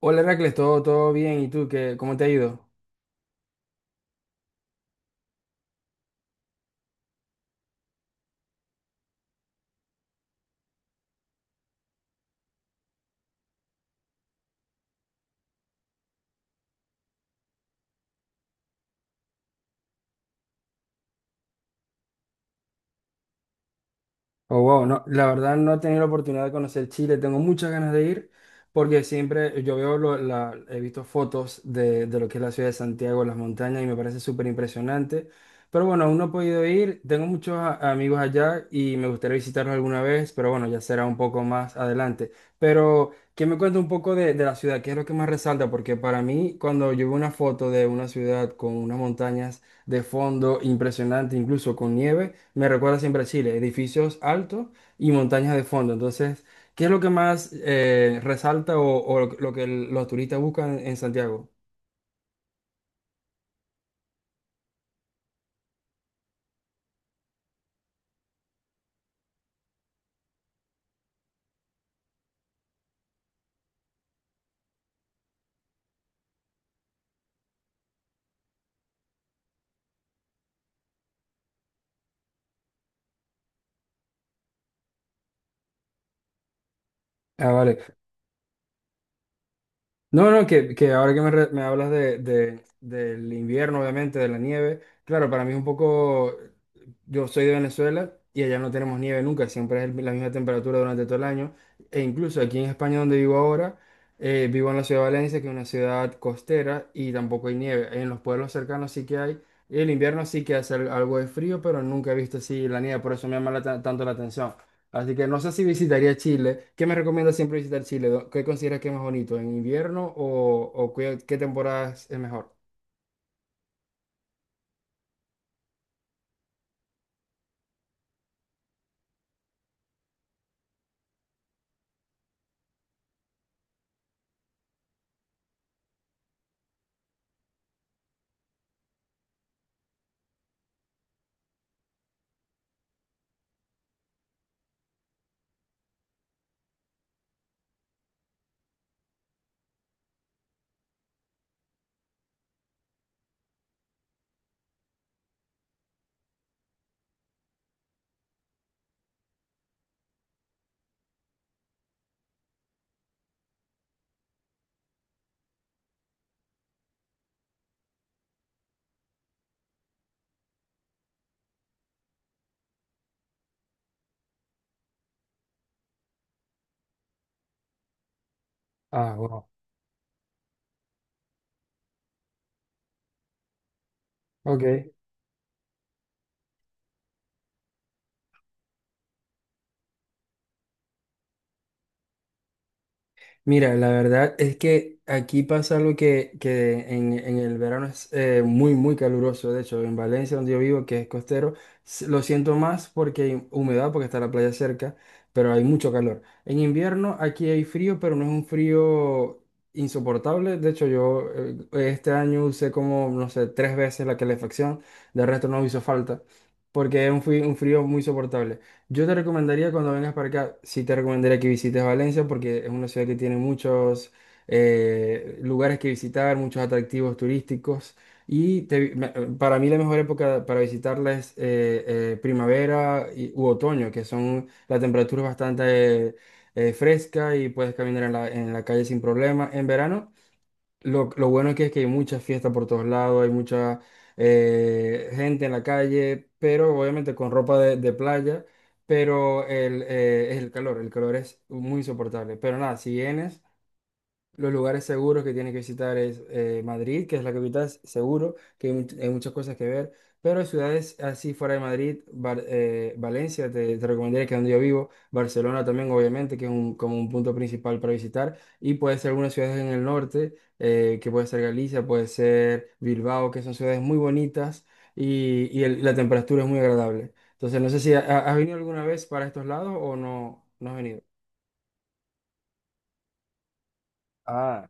Hola Heracles, todo bien. ¿Y tú qué, cómo te ha ido? Oh, wow, no, la verdad no he tenido la oportunidad de conocer Chile, tengo muchas ganas de ir porque siempre yo veo, he visto fotos de lo que es la ciudad de Santiago, las montañas y me parece súper impresionante. Pero bueno, aún no he podido ir, tengo muchos amigos allá y me gustaría visitarlos alguna vez, pero bueno, ya será un poco más adelante. Pero que me cuente un poco de la ciudad, ¿qué es lo que más resalta? Porque para mí, cuando yo veo una foto de una ciudad con unas montañas de fondo impresionante, incluso con nieve, me recuerda siempre a Chile, edificios altos y montañas de fondo. Entonces, ¿qué es lo que más resalta o lo que los turistas buscan en Santiago? Ah, vale. No, no, que ahora que me, me hablas del invierno, obviamente, de la nieve, claro, para mí es un poco, yo soy de Venezuela y allá no tenemos nieve nunca, siempre es la misma temperatura durante todo el año, e incluso aquí en España donde vivo ahora, vivo en la ciudad de Valencia, que es una ciudad costera y tampoco hay nieve, en los pueblos cercanos sí que hay, y el invierno sí que hace algo de frío, pero nunca he visto así la nieve, por eso me llama la tanto la atención. Así que no sé si visitaría Chile. ¿Qué me recomiendas siempre visitar Chile? ¿Qué consideras que es más bonito? ¿En invierno o qué, temporada es mejor? Ah, wow. Ok. Mira, la verdad es que aquí pasa algo que en el verano es muy, muy caluroso. De hecho, en Valencia, donde yo vivo, que es costero, lo siento más porque hay humedad, porque está la playa cerca, pero hay mucho calor. En invierno aquí hay frío, pero no es un frío insoportable. De hecho, yo este año usé como, no sé, 3 veces la calefacción. De resto no hizo falta, porque es un frío muy soportable. Yo te recomendaría cuando vengas para acá, sí te recomendaría que visites Valencia porque es una ciudad que tiene muchos lugares que visitar, muchos atractivos turísticos y para mí la mejor época para visitarla es primavera u otoño, que son la temperatura es bastante fresca y puedes caminar en la calle sin problema. En verano lo bueno aquí es que hay mucha fiesta por todos lados, hay mucha gente en la calle, pero obviamente con ropa de playa, pero es el calor es muy insoportable. Pero nada, si vienes... Los lugares seguros que tiene que visitar es Madrid, que es la capital, seguro, que hay, hay muchas cosas que ver, pero ciudades así fuera de Madrid, Valencia, te recomendaría que es donde yo vivo, Barcelona también, obviamente, que es como un punto principal para visitar, y puede ser algunas ciudades en el norte, que puede ser Galicia, puede ser Bilbao, que son ciudades muy bonitas y la temperatura es muy agradable. Entonces, no sé si has venido alguna vez para estos lados o no, no has venido. Ah,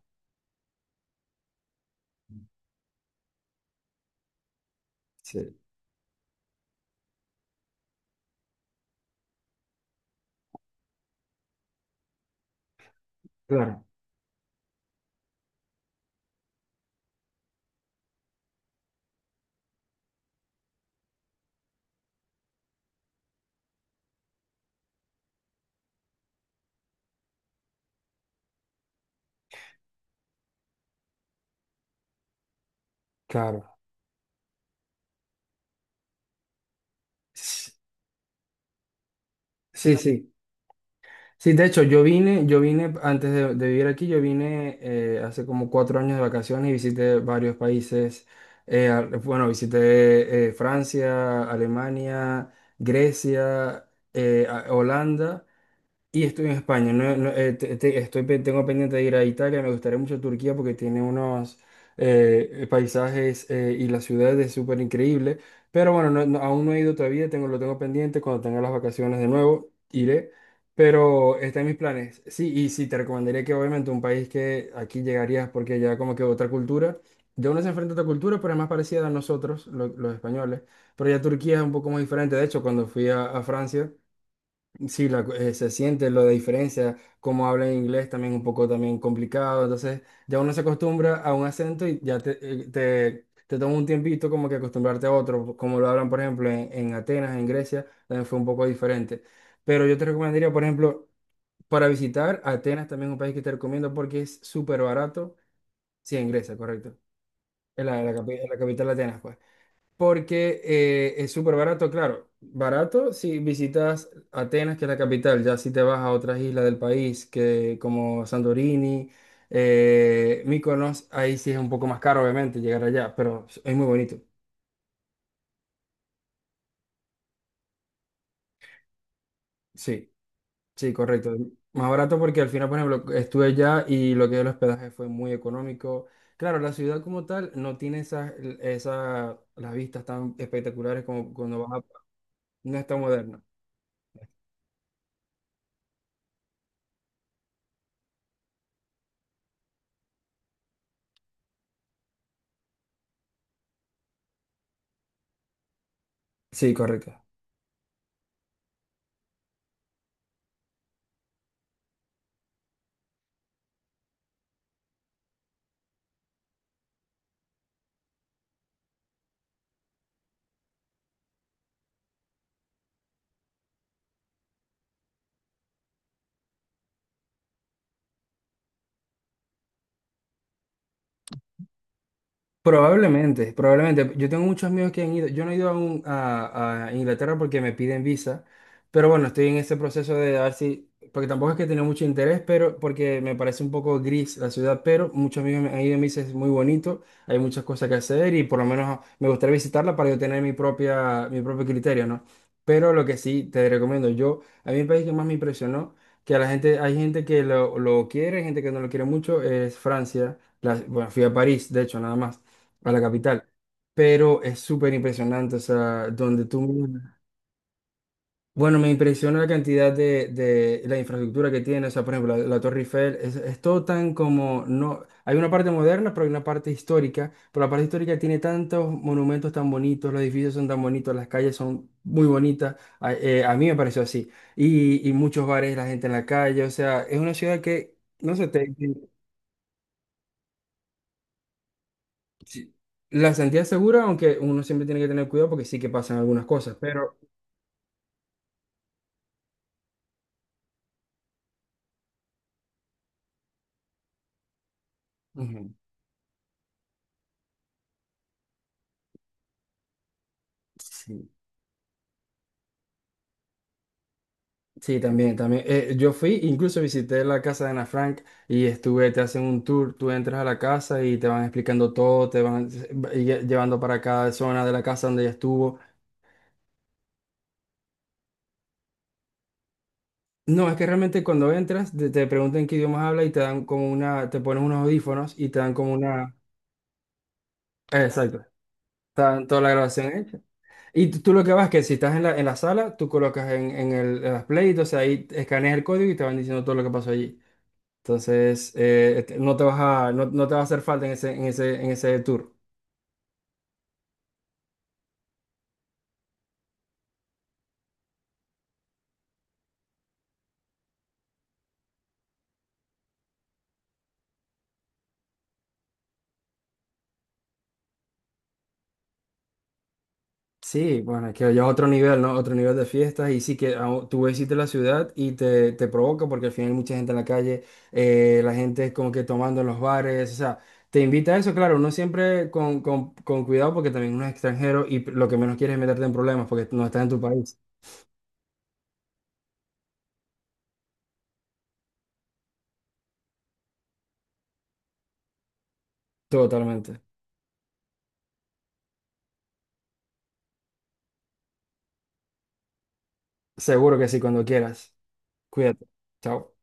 sí, claro, claro. Sí, sí. Sí, de hecho, yo vine antes de vivir aquí, yo vine hace como 4 años de vacaciones y visité varios países. Bueno, visité Francia, Alemania, Grecia, Holanda. Y estoy en España, no- no, tengo pendiente de ir a Italia, me gustaría mucho Turquía porque tiene unos paisajes y la ciudad es súper increíble, pero bueno, aún no he ido todavía, lo tengo pendiente, cuando tenga las vacaciones de nuevo iré, pero está en mis planes. Sí, y sí, te recomendaría que obviamente un país que aquí llegarías porque ya como que otra cultura, ya uno se enfrenta a otra cultura, pero es más parecida a nosotros, los españoles, pero ya Turquía es un poco más diferente, de hecho cuando fui a Francia. Sí, se siente lo de diferencia, como habla inglés también un poco también complicado, entonces ya uno se acostumbra a un acento y ya te toma un tiempito como que acostumbrarte a otro, como lo hablan por ejemplo en, Atenas, en Grecia, también fue un poco diferente. Pero yo te recomendaría, por ejemplo, para visitar Atenas también es un país que te recomiendo porque es súper barato, sí, en Grecia, correcto, es la capital de Atenas, pues porque es súper barato, claro. Barato si visitas Atenas, que es la capital, ya si te vas a otras islas del país, que como Santorini, Mykonos, ahí sí es un poco más caro, obviamente, llegar allá, pero es muy bonito. Sí, sí, correcto. Más barato porque al final, por ejemplo, estuve allá y lo que es el hospedaje fue muy económico. Claro, la ciudad como tal no tiene esas las vistas tan espectaculares como cuando vas a... No es tan moderna. Sí, correcto. Probablemente, probablemente. Yo tengo muchos amigos que han ido. Yo no he ido aún a Inglaterra porque me piden visa, pero bueno, estoy en este proceso de a ver si, porque tampoco es que tenga mucho interés, pero porque me parece un poco gris la ciudad, pero muchos amigos me han ido y me dicen es muy bonito, hay muchas cosas que hacer y por lo menos me gustaría visitarla para yo tener mi propia, mi propio criterio, ¿no? Pero lo que sí te recomiendo, yo, a mí el país que más me impresionó, que a la gente, hay gente que lo quiere, hay gente que no lo quiere mucho, es Francia. Bueno, fui a París, de hecho, nada más a la capital. Pero es súper impresionante, o sea, donde tú... Bueno, me impresiona la cantidad de la infraestructura que tiene, o sea, por ejemplo, la Torre Eiffel, es todo tan como, no, hay una parte moderna, pero hay una parte histórica, pero la parte histórica tiene tantos monumentos tan bonitos, los edificios son tan bonitos, las calles son muy bonitas, a mí me pareció así, y muchos bares, la gente en la calle, o sea, es una ciudad que, no sé, sí, la sentía segura, aunque uno siempre tiene que tener cuidado porque sí que pasan algunas cosas, pero... Ujú. Sí, sí, también, también. Yo fui, incluso visité la casa de Ana Frank y estuve, te hacen un tour, tú entras a la casa y te van explicando todo, te van llevando para cada zona de la casa donde ella estuvo. No, es que realmente cuando entras te preguntan qué idiomas habla y te dan te ponen unos audífonos y te dan como una... Exacto, está toda la grabación hecha. Y tú lo que vas es que si estás en la, sala, tú colocas en las play, entonces ahí escaneas el código y te van diciendo todo lo que pasó allí. Entonces, no te va a hacer falta en ese tour. Sí, bueno, es que ya es otro nivel, ¿no? Otro nivel de fiestas y sí que tú visitas la ciudad y te provoca porque al final hay mucha gente en la calle, la gente es como que tomando en los bares, o sea, te invita a eso, claro, no siempre con cuidado porque también uno es extranjero y lo que menos quieres es meterte en problemas porque no estás en tu país. Totalmente. Seguro que sí, cuando quieras. Cuídate. Chao.